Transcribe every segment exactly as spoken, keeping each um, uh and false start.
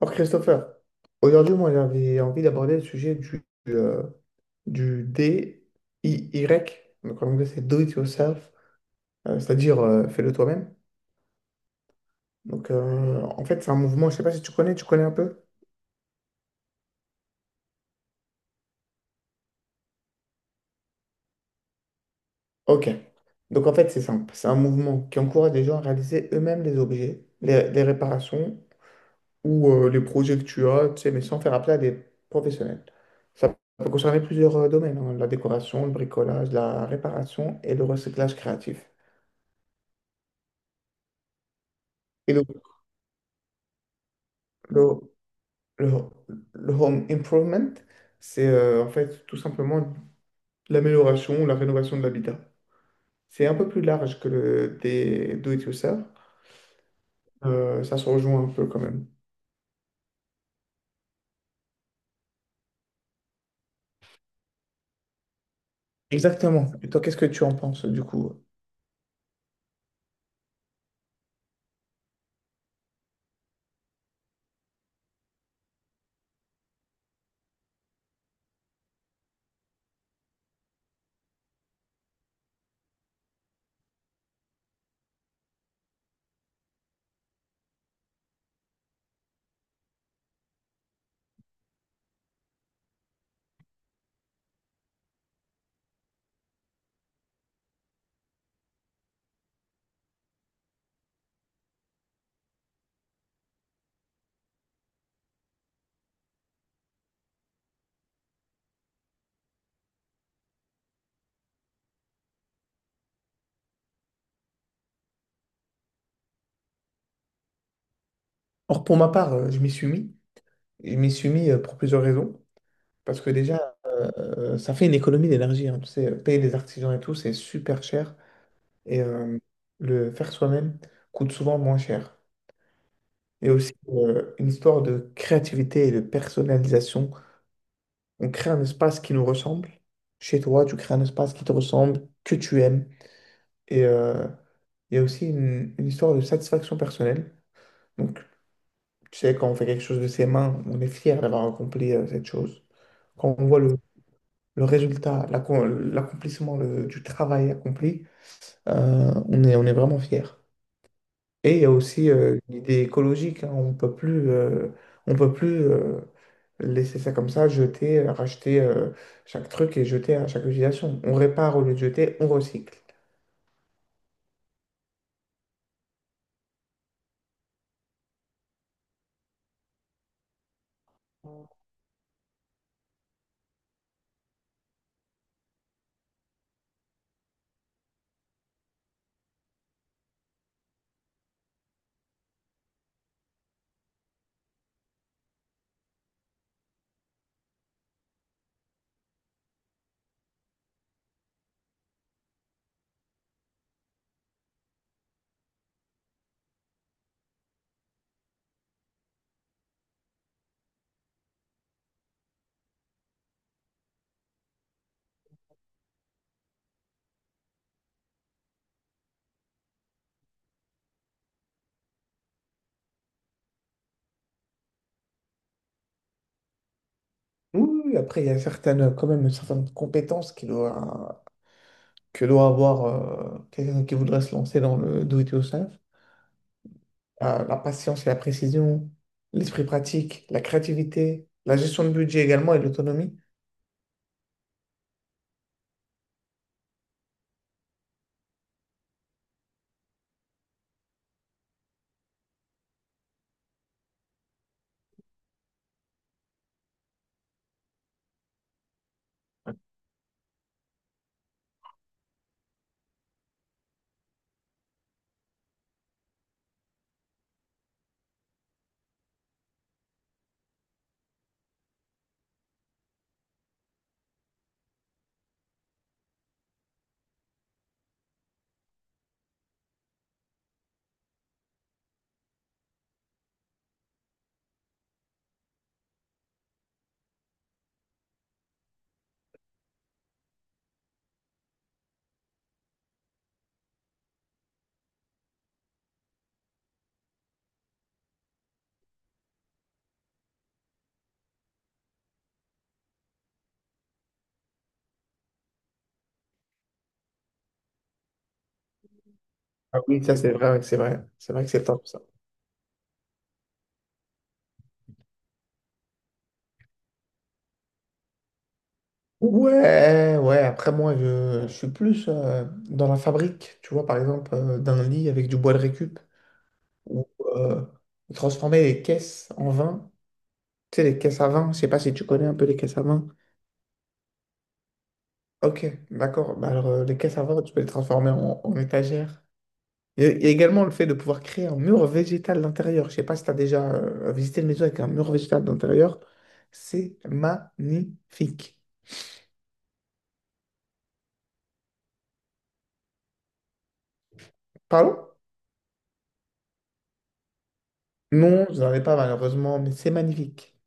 Alors Christopher, aujourd'hui moi j'avais envie d'aborder le sujet du, euh, du D I Y, donc en anglais c'est Do It Yourself, euh, c'est-à-dire euh, fais-le toi-même. Donc euh, en fait c'est un mouvement, je sais pas si tu connais, tu connais un peu? Ok, donc en fait c'est simple, c'est un mouvement qui encourage les gens à réaliser eux-mêmes les objets, les, les réparations ou euh, les projets que tu as, tu sais, mais sans faire appel à des professionnels. Ça peut concerner plusieurs euh, domaines, hein, la décoration, le bricolage, la réparation et le recyclage créatif. Et donc, Le, le- le home improvement, c'est euh, en fait tout simplement l'amélioration ou la rénovation de l'habitat. C'est un peu plus large que le des do-it-yourself. Euh, ça se rejoint un peu quand même. Exactement. Et toi, qu'est-ce que tu en penses du coup? Or, pour ma part, euh, je m'y suis mis. Je m'y suis mis euh, pour plusieurs raisons. Parce que déjà, euh, ça fait une économie d'énergie, hein. Tu sais, euh, payer des artisans et tout, c'est super cher. Et euh, le faire soi-même coûte souvent moins cher. Et aussi euh, une histoire de créativité et de personnalisation. On crée un espace qui nous ressemble. Chez toi, tu crées un espace qui te ressemble, que tu aimes. Et euh, il y a aussi une, une histoire de satisfaction personnelle. Donc, tu sais, quand on fait quelque chose de ses mains, on est fier d'avoir accompli euh, cette chose. Quand on voit le, le résultat, l'accom- l'accomplissement le- du travail accompli, euh, on est, on est vraiment fier. Et il y a aussi euh, l'idée écologique, hein. On peut plus, euh, on peut plus euh, laisser ça comme ça, jeter, euh, racheter euh, chaque truc et jeter à chaque utilisation. On répare au lieu de jeter, on recycle. Oui, oui, oui, après, il y a certaines, quand même certaines compétences qui doit, que doit avoir euh, quelqu'un qui voudrait se lancer dans le do it yourself. Euh, la patience et la précision, l'esprit pratique, la créativité, la gestion de budget également et l'autonomie. Ah oui, ça c'est vrai, c'est vrai. C'est vrai que c'est top. Ouais, ouais, après moi je, je suis plus euh, dans la fabrique, tu vois, par exemple, euh, d'un lit avec du bois de récup, ou euh, transformer les caisses en vin, tu sais, les caisses à vin, je sais pas si tu connais un peu les caisses à vin. Ok, d'accord, bah alors euh, les caisses à vin, tu peux les transformer en, en étagères. Il y a il y a également le fait de pouvoir créer un mur végétal d'intérieur, je sais pas si tu as déjà euh, visité une maison avec un mur végétal d'intérieur, c'est magnifique. Pardon? Non, je n'en ai pas malheureusement, mais c'est magnifique.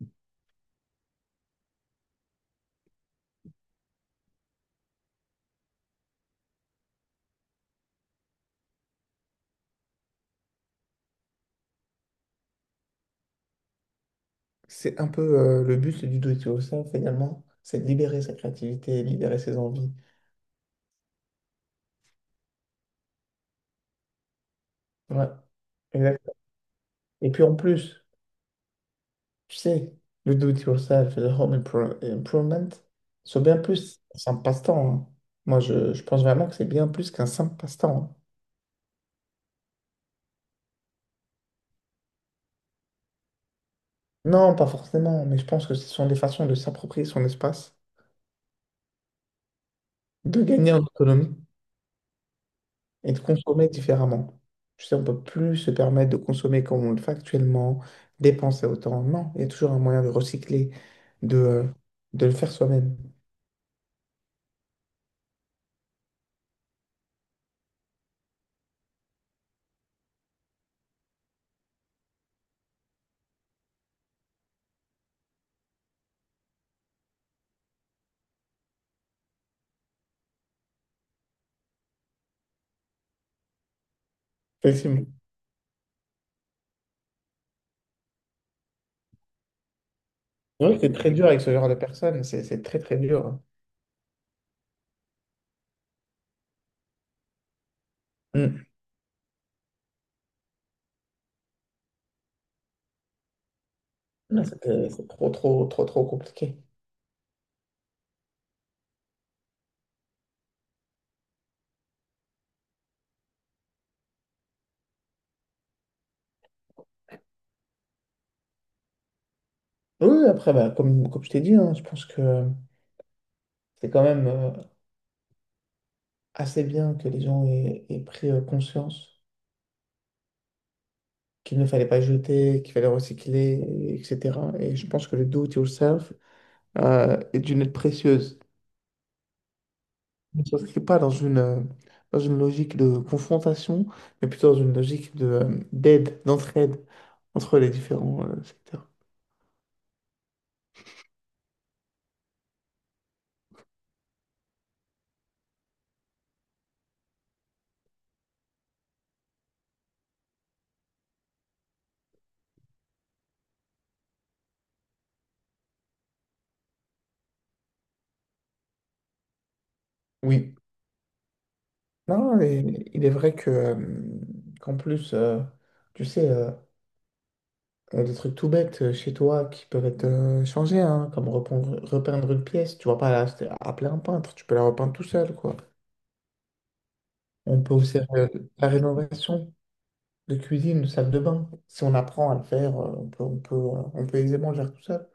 C'est un peu euh, le but du do it yourself finalement, c'est de libérer sa créativité, libérer ses envies. Ouais, exact. Et puis en plus, tu sais, le do it yourself et le home impro- improvement sont bien plus un simple passe-temps, hein. Moi, je, je pense vraiment que c'est bien plus qu'un simple passe-temps, hein. Non, pas forcément, mais je pense que ce sont des façons de s'approprier son espace, de gagner en autonomie et de consommer différemment. Je sais, on ne peut plus se permettre de consommer comme on le fait actuellement, dépenser autant. Non, il y a toujours un moyen de recycler, de, de le faire soi-même. Effectivement. C'est vrai que c'est très dur avec ce genre de personnes, c'est c'est très très dur. Mm. Non, c'est euh, c'est trop trop trop trop compliqué. Oui, oui, après, bah, comme, comme je t'ai dit, hein, je pense que c'est quand même euh, assez bien que les gens aient, aient pris euh, conscience qu'il ne fallait pas jeter, qu'il fallait recycler, et cetera. Et je pense que le do it yourself, euh, et d'une aide précieuse. Ne s'inscrit pas dans une, euh, dans une logique de confrontation, mais plutôt dans une logique de, euh, d'aide, d'entraide entre les différents euh, secteurs. Oui. Non, et il est vrai que, euh, qu'en plus, euh, tu sais, euh, il des trucs tout bêtes euh, chez toi qui peuvent être euh, changés, hein, comme repeindre, repeindre une pièce. Tu vas pas la- Appeler un peintre, tu peux la repeindre tout seul, quoi. On peut aussi faire euh, la rénovation de cuisine, de salle de bain. Si on apprend à le faire, euh, on peut, on peut, euh, on peut aisément le faire tout seul.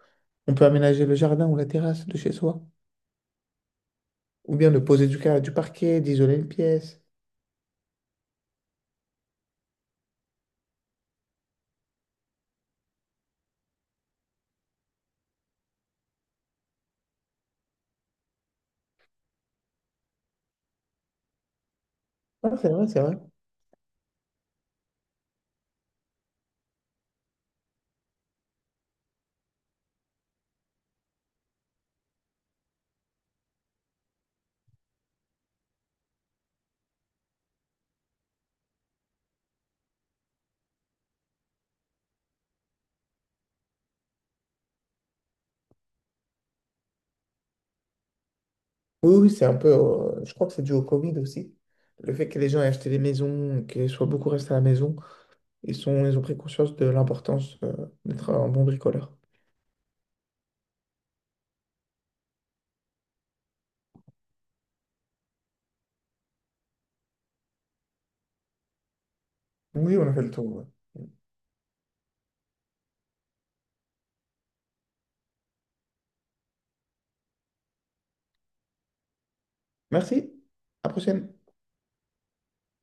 On peut aménager le jardin ou la terrasse de chez soi, ou bien de poser du, ca- du parquet, d'isoler une pièce. Ah c'est vrai, c'est vrai. Oui, oui, c'est un peu. Euh, je crois que c'est dû au Covid aussi. Le fait que les gens aient acheté des maisons, qu'ils soient beaucoup restés à la maison, ils sont, ils ont pris conscience de l'importance, euh, d'être un bon bricoleur. Oui, on a fait le tour, ouais. Merci. À la prochaine.